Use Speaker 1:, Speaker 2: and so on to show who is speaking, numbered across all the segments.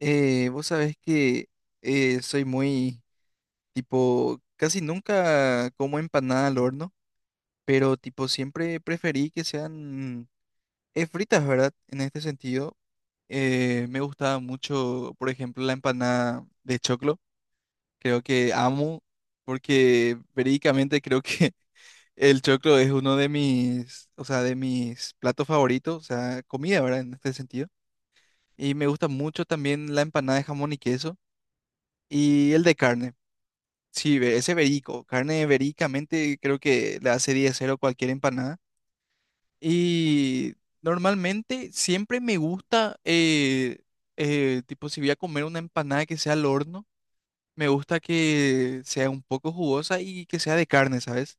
Speaker 1: Vos sabés que soy tipo, casi nunca como empanada al horno, pero tipo siempre preferí que sean fritas, ¿verdad? En este sentido, me gustaba mucho, por ejemplo, la empanada de choclo. Creo que amo, porque verídicamente creo que el choclo es uno de mis, o sea, de mis platos favoritos, o sea, comida, ¿verdad? En este sentido. Y me gusta mucho también la empanada de jamón y queso y el de carne. Sí, ese verico, carne vericamente creo que le hace 10-0 cualquier empanada. Y normalmente siempre me gusta, tipo, si voy a comer una empanada que sea al horno, me gusta que sea un poco jugosa y que sea de carne, ¿sabes?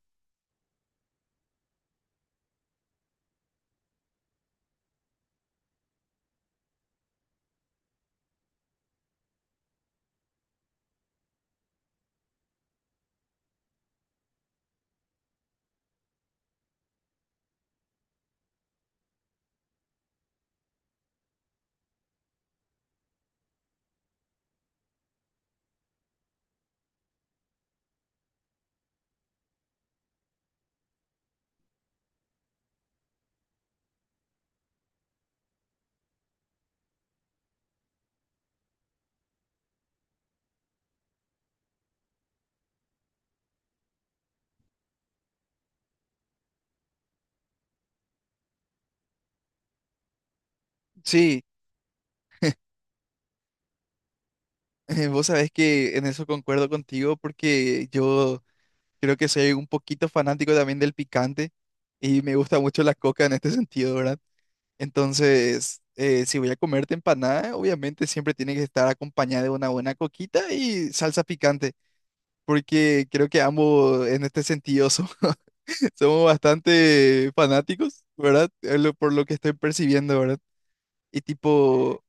Speaker 1: Sí, vos sabés que en eso concuerdo contigo porque yo creo que soy un poquito fanático también del picante y me gusta mucho la coca en este sentido, ¿verdad? Entonces, si voy a comerte empanada, obviamente siempre tiene que estar acompañada de una buena coquita y salsa picante, porque creo que ambos en este sentido somos bastante fanáticos, ¿verdad? Por lo que estoy percibiendo, ¿verdad? Y tipo,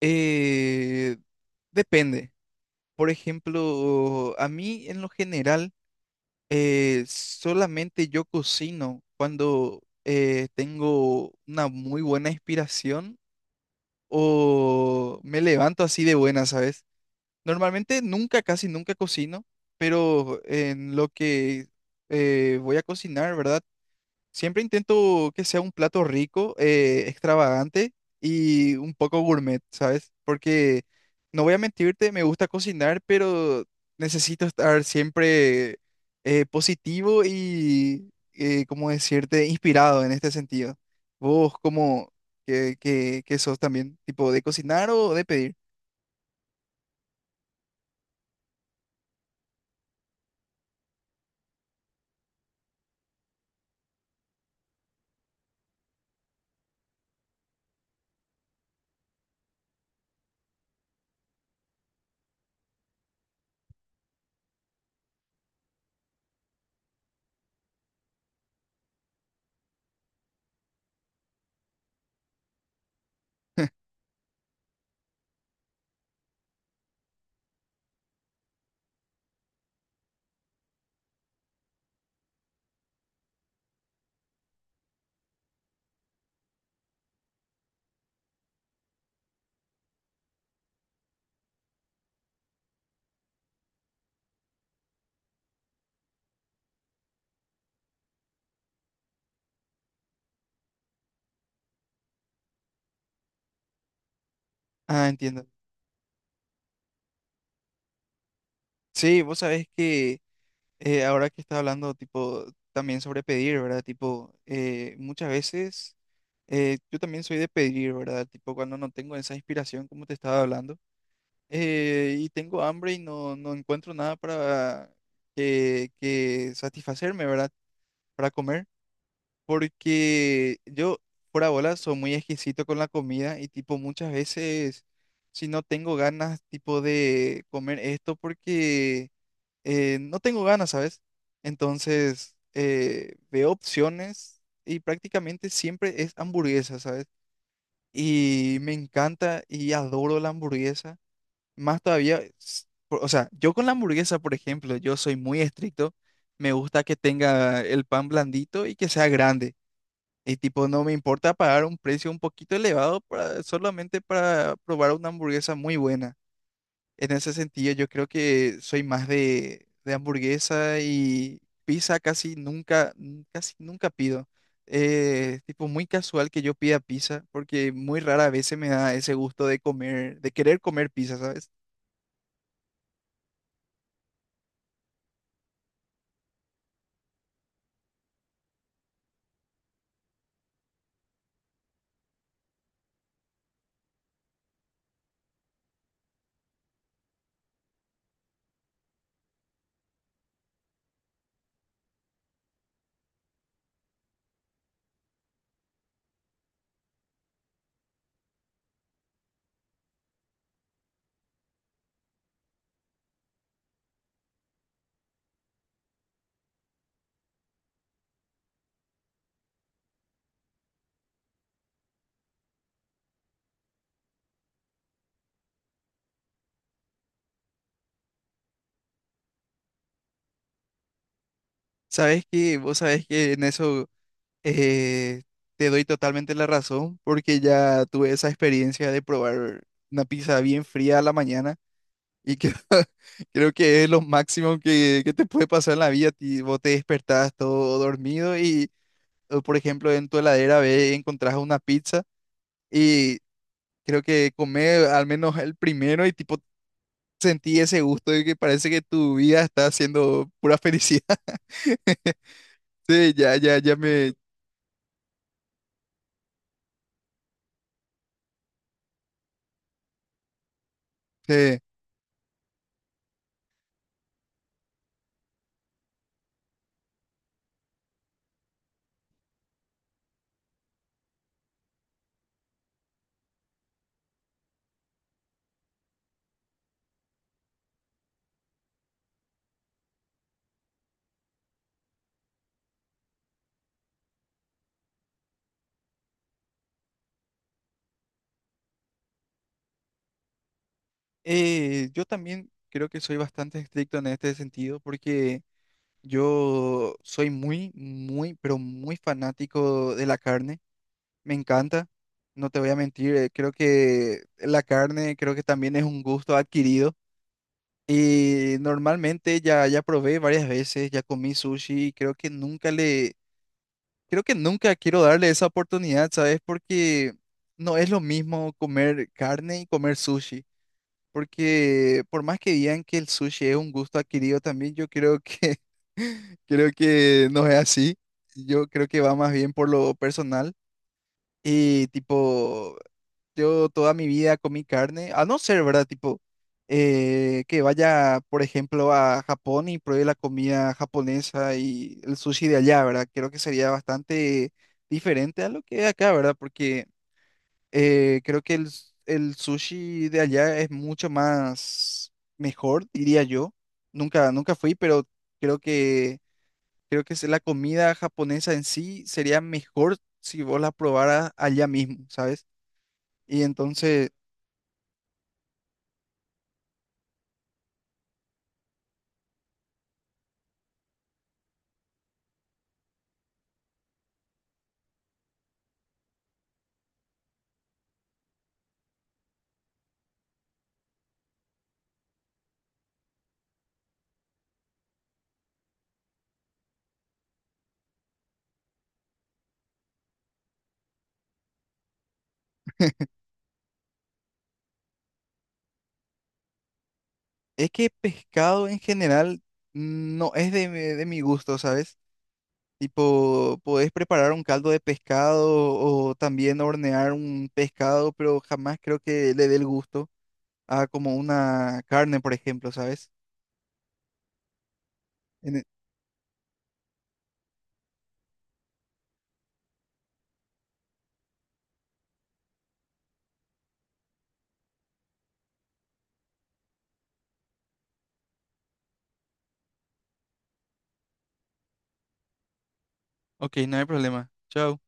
Speaker 1: eh, depende. Por ejemplo, a mí en lo general, solamente yo cocino cuando tengo una muy buena inspiración o me levanto así de buena, ¿sabes? Normalmente nunca, casi nunca cocino, pero en lo que voy a cocinar, ¿verdad? Siempre intento que sea un plato rico, extravagante y un poco gourmet, ¿sabes? Porque no voy a mentirte, me gusta cocinar, pero necesito estar siempre positivo y, ¿cómo decirte?, inspirado en este sentido. ¿Vos cómo que sos también? ¿Tipo de cocinar o de pedir? Ah, entiendo. Sí, vos sabés que... Ahora que está hablando, tipo, también sobre pedir, ¿verdad? Tipo, muchas veces yo también soy de pedir, ¿verdad? Tipo, cuando no tengo esa inspiración, como te estaba hablando, y tengo hambre y no encuentro nada para que satisfacerme, ¿verdad? Para comer, porque yo, por bola, soy muy exquisito con la comida y, tipo, muchas veces, si no tengo ganas, tipo, de comer esto, porque no tengo ganas, ¿sabes? Entonces, veo opciones y prácticamente siempre es hamburguesa, ¿sabes? Y me encanta y adoro la hamburguesa. Más todavía, o sea, yo con la hamburguesa, por ejemplo, yo soy muy estricto. Me gusta que tenga el pan blandito y que sea grande. Y tipo, no me importa pagar un precio un poquito elevado solamente para probar una hamburguesa muy buena. En ese sentido, yo creo que soy más de hamburguesa y pizza casi nunca, n- casi nunca pido. Tipo muy casual que yo pida pizza, porque muy rara vez se me da ese gusto de comer, de querer comer pizza, ¿sabes? Sabes que, vos sabes que en eso eh, te doy totalmente la razón, porque ya tuve esa experiencia de probar una pizza bien fría a la mañana. Y creo, creo que es lo máximo que te puede pasar en la vida. Vos te despertás todo dormido y, o, por ejemplo, en tu heladera ves encontrás una pizza y creo que comer al menos el primero y tipo sentí ese gusto de que parece que tu vida está siendo pura felicidad. Sí, ya, ya, ya me... sí. Yo también creo que soy bastante estricto en este sentido porque yo soy muy, muy, pero muy fanático de la carne. Me encanta, no te voy a mentir, creo que la carne creo que también es un gusto adquirido y normalmente ya probé varias veces, ya comí sushi y creo que nunca le creo que nunca quiero darle esa oportunidad, ¿sabes? Porque no es lo mismo comer carne y comer sushi, porque por más que digan que el sushi es un gusto adquirido también, yo creo que creo que no es así. Yo creo que va más bien por lo personal. Y tipo, yo toda mi vida comí carne, a no ser, ¿verdad? Tipo, que vaya, por ejemplo, a Japón y pruebe la comida japonesa y el sushi de allá, ¿verdad? Creo que sería bastante diferente a lo que es acá, ¿verdad? Porque creo que el, el sushi de allá es mucho más mejor, diría yo. Nunca, nunca fui, pero creo creo que es la comida japonesa en sí sería mejor si vos la probaras allá mismo, ¿sabes? Y entonces... Es que pescado en general no es mi de mi gusto, ¿sabes? Tipo, podés preparar un caldo de pescado o también hornear un pescado, pero jamás creo que le dé el gusto a como una carne, por ejemplo, ¿sabes? En e- Ok, no hay problema. Chao.